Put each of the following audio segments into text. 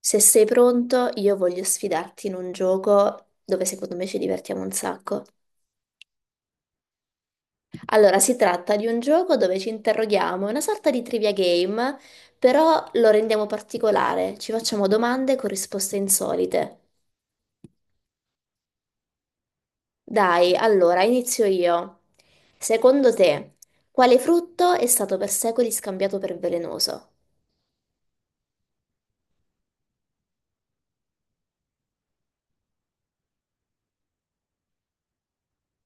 Se sei pronto, io voglio sfidarti in un gioco dove secondo me ci divertiamo un sacco. Allora, si tratta di un gioco dove ci interroghiamo, è una sorta di trivia game, però lo rendiamo particolare, ci facciamo domande con risposte insolite. Dai, allora, inizio io. Secondo te, quale frutto è stato per secoli scambiato per velenoso?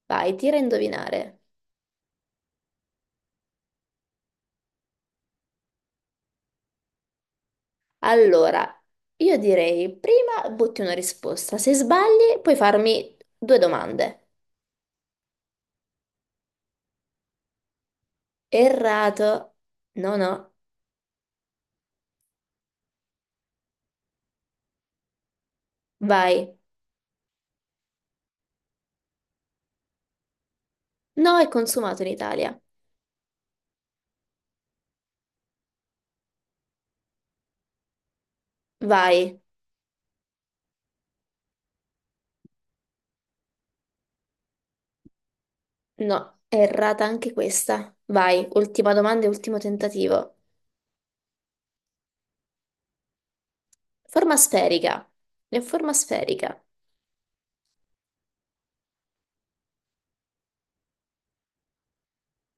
Vai, tira a indovinare. Allora, io direi prima butti una risposta. Se sbagli, puoi farmi due domande. Errato. No, no. Vai. No, è consumato in Italia. Vai. No, è errata anche questa. Vai. Ultima domanda e ultimo tentativo. Forma sferica. È forma sferica.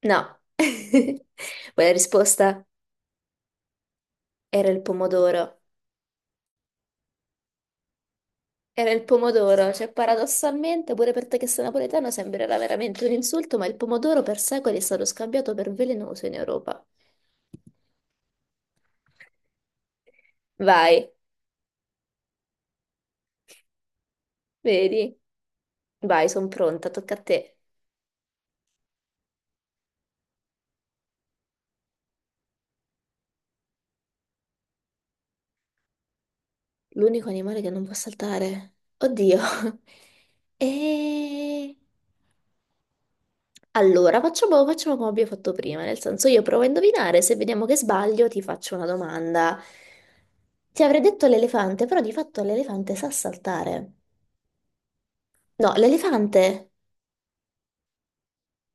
No. Quella risposta era il pomodoro. Era il pomodoro, cioè paradossalmente pure per te che sei napoletano sembrerà veramente un insulto, ma il pomodoro per secoli è stato scambiato per velenoso in Europa. Vai, vedi? Vai, sono pronta, tocca a te. L'unico animale che non può saltare. Oddio. E... Allora, facciamo come abbiamo fatto prima, nel senso io provo a indovinare, se vediamo che sbaglio ti faccio una domanda. Ti avrei detto l'elefante, però di fatto l'elefante sa saltare. No, l'elefante.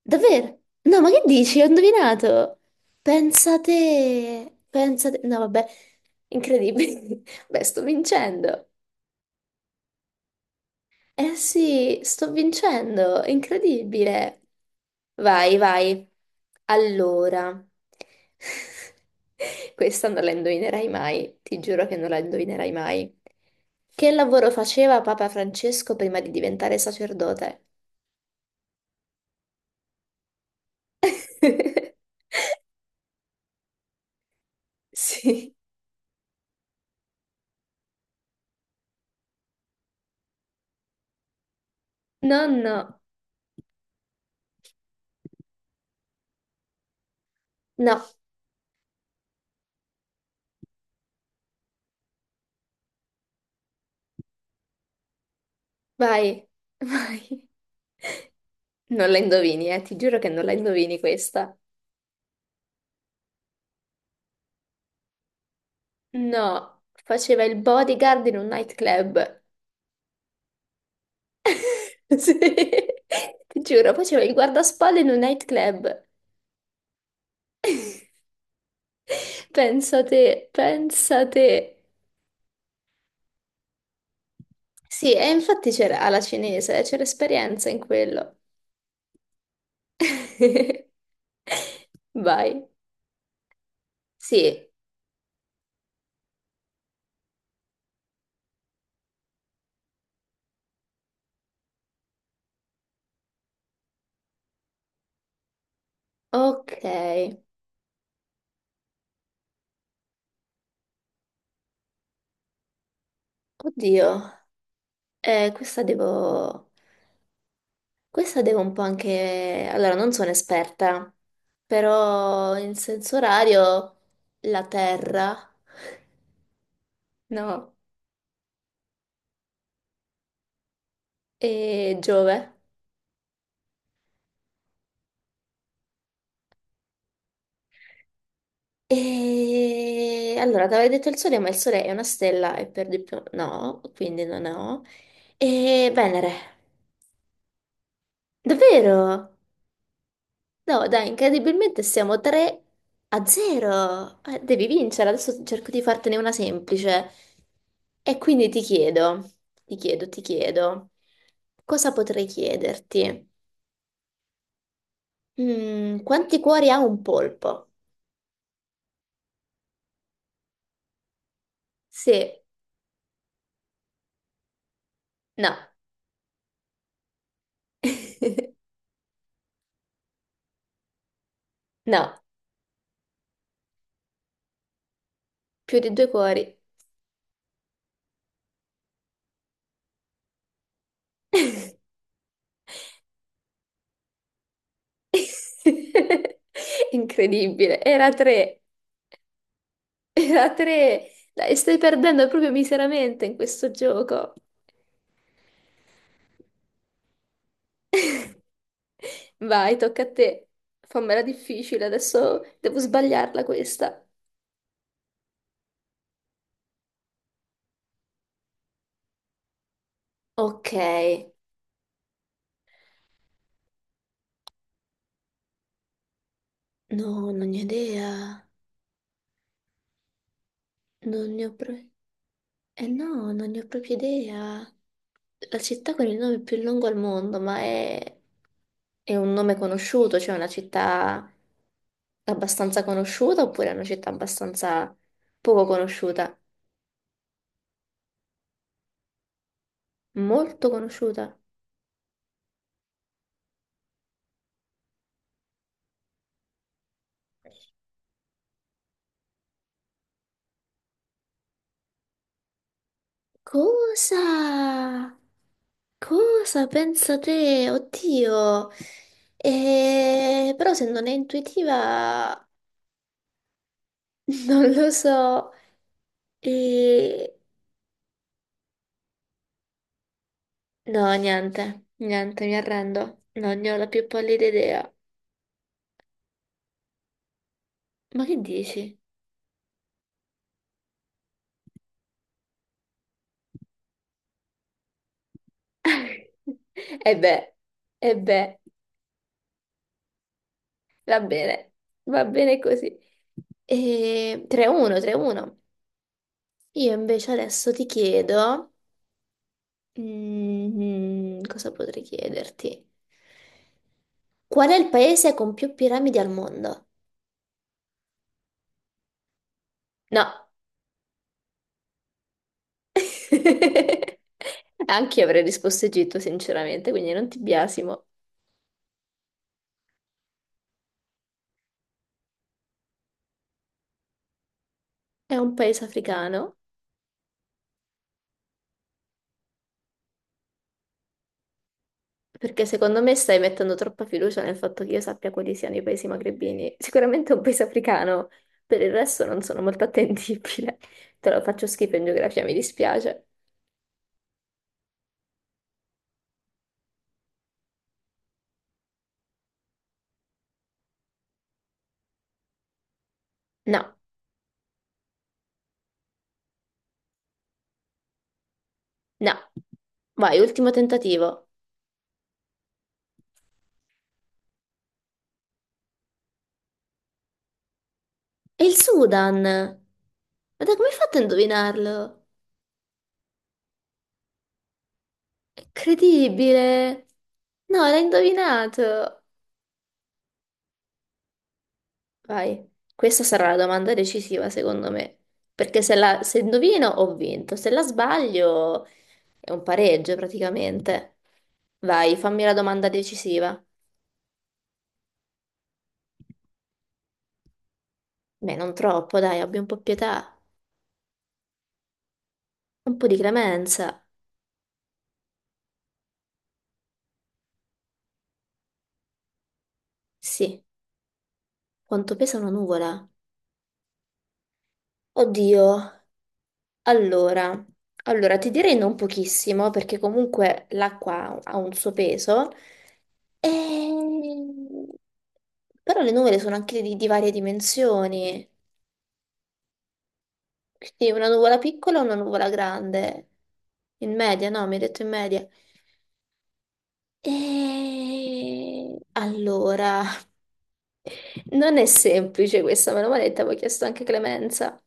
Davvero? No, ma che dici? Ho indovinato. Pensa te. Pensa te. No, vabbè. Incredibile. Beh, sto vincendo. Eh sì, sto vincendo. Incredibile. Vai, vai. Allora. Questa non la indovinerai mai. Ti giuro che non la indovinerai mai. Che lavoro faceva Papa Francesco prima di diventare sacerdote? Sì. Nonno. No, vai, vai. Non la indovini, ti giuro che non la indovini questa. No, faceva il bodyguard in un nightclub. Sì, ti giuro, faceva il guardaspalle in un nightclub. Pensa te, pensa te. Sì, e infatti c'era alla cinese, c'era esperienza in quello. Vai. Sì, ok. Oddio, questa devo... Questa devo un po' anche... Allora, non sono esperta, però in senso orario la Terra, no, e Giove. E allora, ti avevo detto il Sole, ma il Sole è una stella e per di più no, quindi non ho. E Venere. Davvero? No, dai, incredibilmente siamo 3 a 0. Devi vincere, adesso cerco di fartene una semplice. E quindi ti chiedo, ti chiedo, cosa potrei chiederti? Mm, quanti cuori ha un polpo? Sì, no, no, più di due cuori. Incredibile, era tre, era tre. Dai, stai perdendo proprio miseramente in questo gioco. Vai, tocca a te. Fammela difficile, adesso devo sbagliarla questa. Ok. No, non ne ho idea. Non ne ho pro- Eh no, non ne ho proprio idea. La città con il nome più lungo al mondo, ma è un nome conosciuto, cioè una città abbastanza conosciuta oppure è una città abbastanza poco conosciuta? Molto conosciuta. Cosa? Cosa pensa te? Oddio. Però se non è intuitiva, non lo so. E... No, niente, niente, mi arrendo. Non ne ho la più pallida idea. Ma che dici? E beh, e beh, va bene, va bene così. E... 3-1, 3-1. Io invece adesso ti chiedo... Mm, cosa potrei chiederti? Qual è il paese con più piramidi al mondo? No. Anche io avrei risposto Egitto, sinceramente, quindi non ti biasimo. È un paese africano, perché secondo me stai mettendo troppa fiducia nel fatto che io sappia quali siano i paesi magrebini. Sicuramente è un paese africano, per il resto non sono molto attendibile. Te lo faccio schifo in geografia, mi dispiace. No, no. Vai, ultimo tentativo. È il Sudan! Guarda, come hai fatto a indovinarlo? È incredibile! No, l'hai indovinato! Vai, questa sarà la domanda decisiva secondo me, perché se la, se indovino ho vinto, se la sbaglio è un pareggio praticamente. Vai, fammi la domanda decisiva. Beh, non troppo, dai, abbi un po' pietà, un po' di clemenza. Sì, quanto pesa una nuvola? Oddio. Allora, ti direi non pochissimo perché comunque l'acqua ha un suo peso, e- però le nuvole sono anche di varie dimensioni, quindi una nuvola piccola e una nuvola grande, in media, no? Mi hai detto in media. E allora, non è semplice questa, me l'ho detta, avevo chiesto anche clemenza.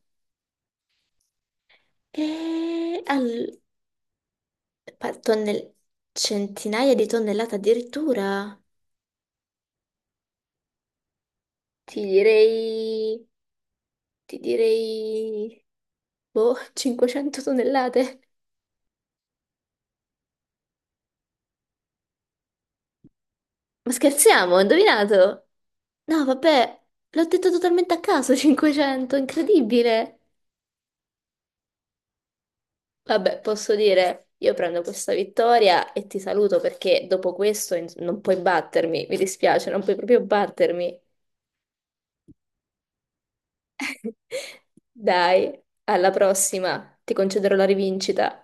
E al... pa- tonnell- Centinaia di tonnellate addirittura? Ti direi, ti direi, boh, 500 tonnellate. Ma scherziamo, ho indovinato? No, vabbè, l'ho detto totalmente a caso, 500, incredibile. Vabbè, posso dire, io prendo questa vittoria e ti saluto perché dopo questo ins- non puoi battermi, mi dispiace, non puoi proprio battermi. Dai, alla prossima, ti concederò la rivincita.